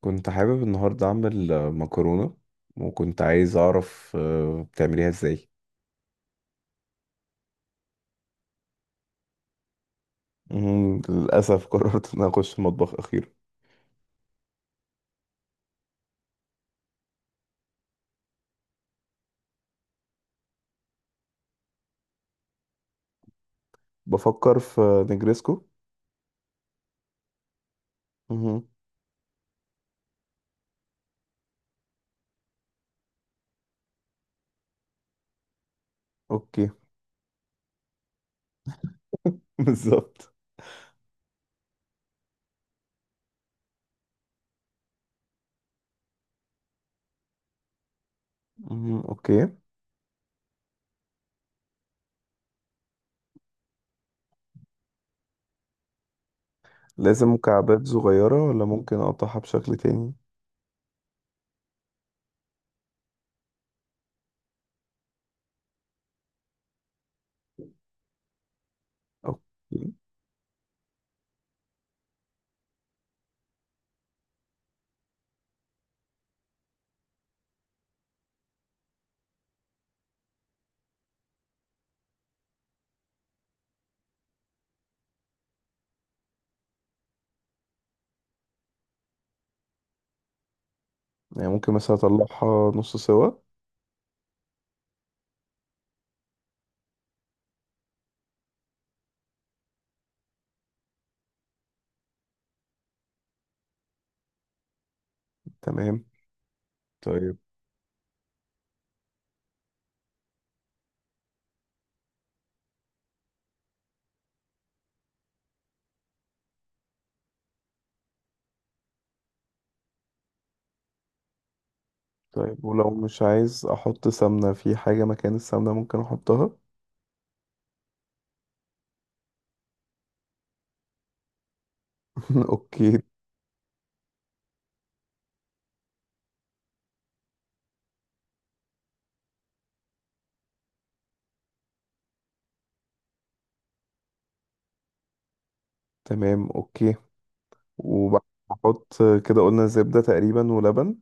كنت حابب النهاردة أعمل مكرونة. وكنت عايز أعرف بتعمليها إزاي؟ مهم. للأسف قررت إن أنا أخش المطبخ أخيرا. بفكر في نجريسكو. مهم. أوكي. بالظبط. مهم. أوكي. لازم مكعبات صغيرة ولا ممكن أقطعها بشكل تاني؟ أوكي. يعني ممكن مثلا أطلعها نص سوا؟ تمام. طيب. طيب، ولو مش عايز أحط سمنة في حاجة مكان السمنة ممكن أحطها؟ أوكي. تمام، اوكي. وبحط كده قلنا زبدة تقريبا ولبن.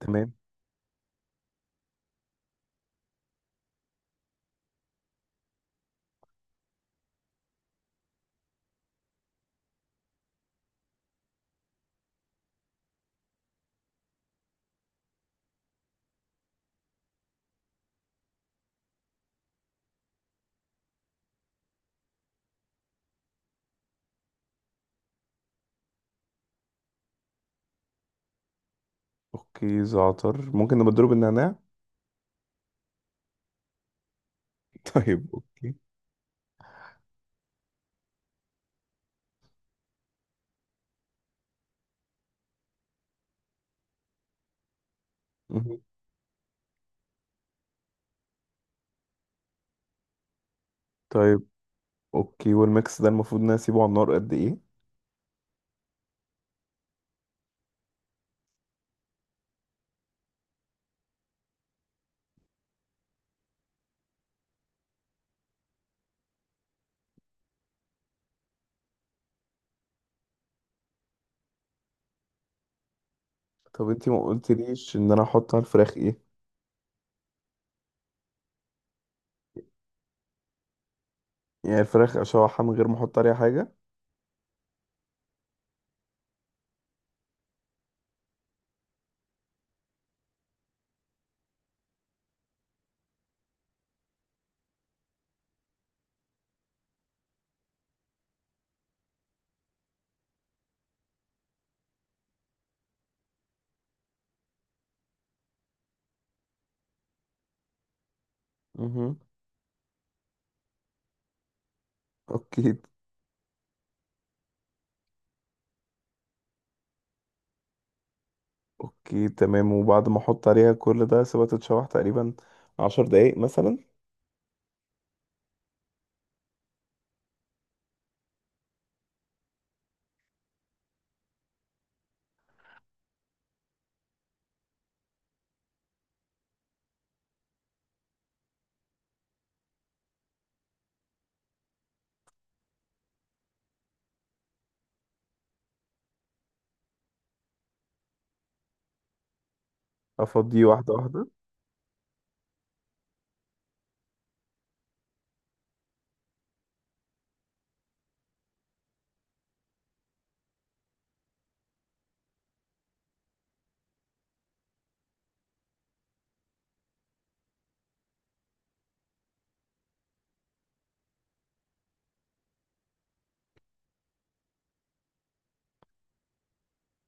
تمام. اوكي، زعتر ممكن نبقى نضرب النعناع؟ طيب، اوكي. مهم. طيب، اوكي، والميكس ده المفروض ان انا اسيبه على النار قد ايه؟ طب انتي ما قلتليش ان انا احط على الفراخ ايه؟ يعني الفراخ اشوحها من غير ما احط عليها حاجة؟ مهم. اوكي. اوكي، تمام. وبعد ما احط عليها كل ده سيبها تتشوح تقريبا عشر دقايق مثلا. افضيه واحدة واحدة؟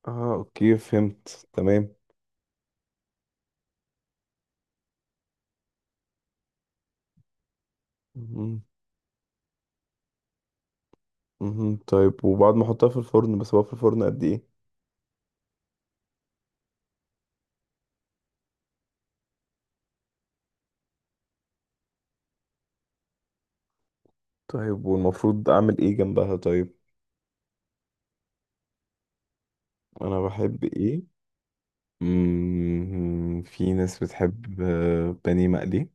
اه، اوكي، فهمت تمام. مهم. مهم. طيب، وبعد ما احطها في الفرن بسيبها في الفرن قد ايه؟ طيب، والمفروض اعمل ايه جنبها؟ طيب، انا بحب ايه؟ في ناس بتحب بانيه مقلي.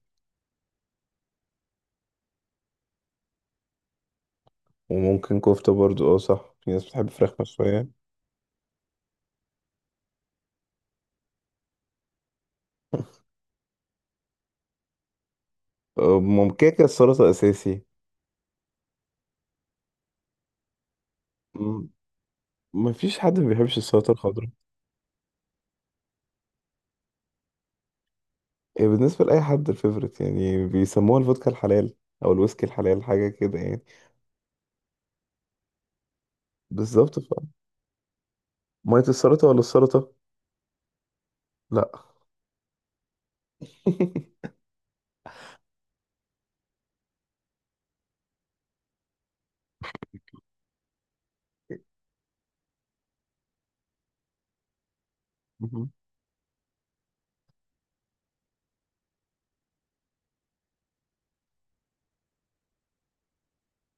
وممكن كفتة برضو. اه صح، في ناس بتحب فراخ مشوية. ممكن كده، السلطة اساسي. مم. مفيش حد ما بيحبش السلطة الخضراء. هي بالنسبة لأي حد الفيفوريت، يعني بيسموها الفودكا الحلال أو الويسكي الحلال، حاجة كده يعني. بالظبط. مية السلطة ولا السلطة؟ لأ. مهم.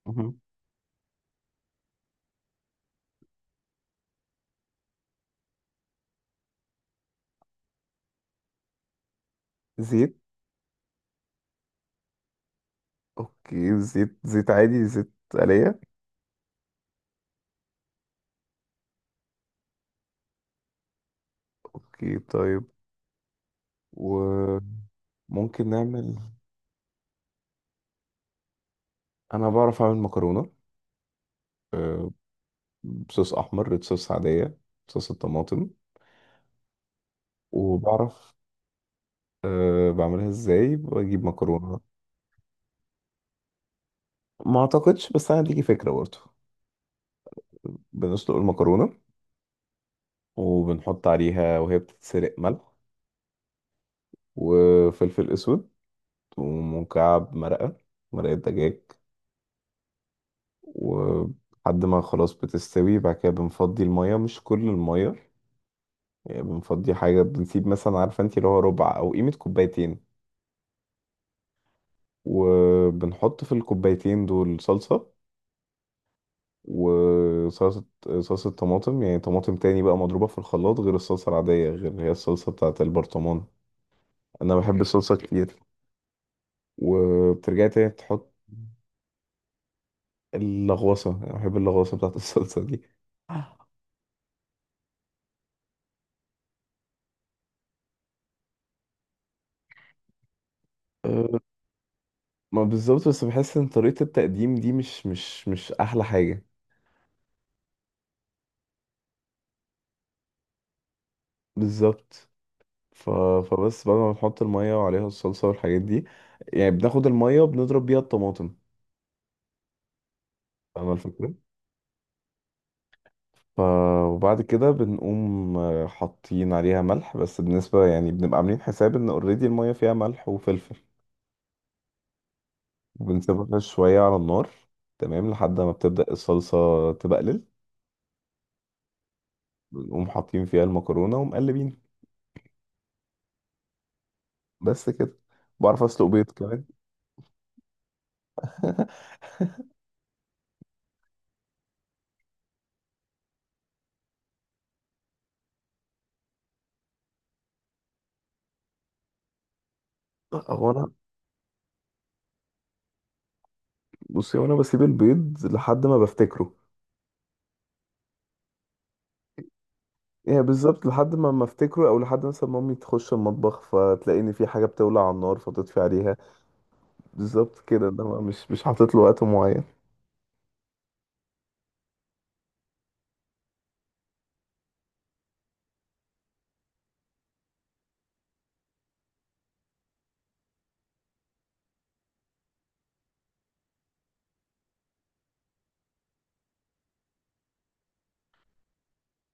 مهم. زيت. اوكي، زيت عادي، زيت آلية. اوكي طيب. وممكن نعمل، انا بعرف اعمل مكرونة. آه، بصوص احمر، ريد صوص عادية. صوص الطماطم. وبعرف. أه، بعملها ازاي، بجيب مكرونة. ما اعتقدش، بس انا ليكي فكرة برضه. بنسلق المكرونة. وبنحط عليها وهي بتتسلق ملح. وفلفل اسود. ومكعب مرقة. مرقة دجاج. ولحد ما خلاص بتستوي، بعد كده بنفضي المية، مش كل المية. يعني بنفضي حاجة، بنسيب مثلا، عارفة انت، اللي هو ربع أو قيمة كوبايتين. وبنحط في الكوبايتين دول صلصة. وصلصة صلصة طماطم. يعني طماطم تاني بقى مضروبة في الخلاط، غير الصلصة العادية، غير اللي هي الصلصة بتاعة البرطمان. أنا بحب الصلصة كتير. وبترجعي تاني تحط اللغوصة. أنا بحب اللغوصة بتاعة الصلصة دي. أه، ما بالظبط، بس بحس ان طريقة التقديم دي مش أحلى حاجة. بالظبط. ف... فبس، بعد ما بنحط المية وعليها الصلصة والحاجات دي، يعني بناخد المية بنضرب بيها الطماطم. فاهمة الفكرة؟ ف... وبعد كده بنقوم حاطين عليها ملح، بس بالنسبة يعني بنبقى عاملين حساب ان اوريدي المية فيها ملح وفلفل. وبنسيبها شوية على النار. تمام، لحد ما بتبدأ الصلصة تبقلل. بنقوم حاطين فيها المكرونة ومقلبين. بس كده. بعرف اسلق بيض كمان. هو انا بصي، هو انا بسيب البيض لحد ما بفتكره. يعني بالظبط، لحد ما افتكره، او لحد مثلا مامي تخش المطبخ فتلاقيني في حاجه بتولع على النار فتطفي عليها. بالظبط كده، انما مش حاطط له وقت معين.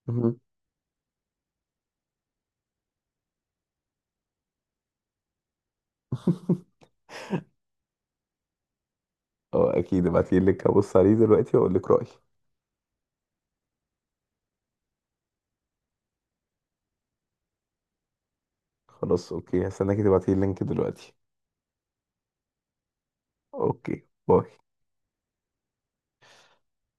مهم. اه، اكيد ابعتي اللينك ابص عليه دلوقتي واقول لك رايي. خلاص، اوكي، هستناكي تبعتي اللينك دلوقتي. اوكي، باي.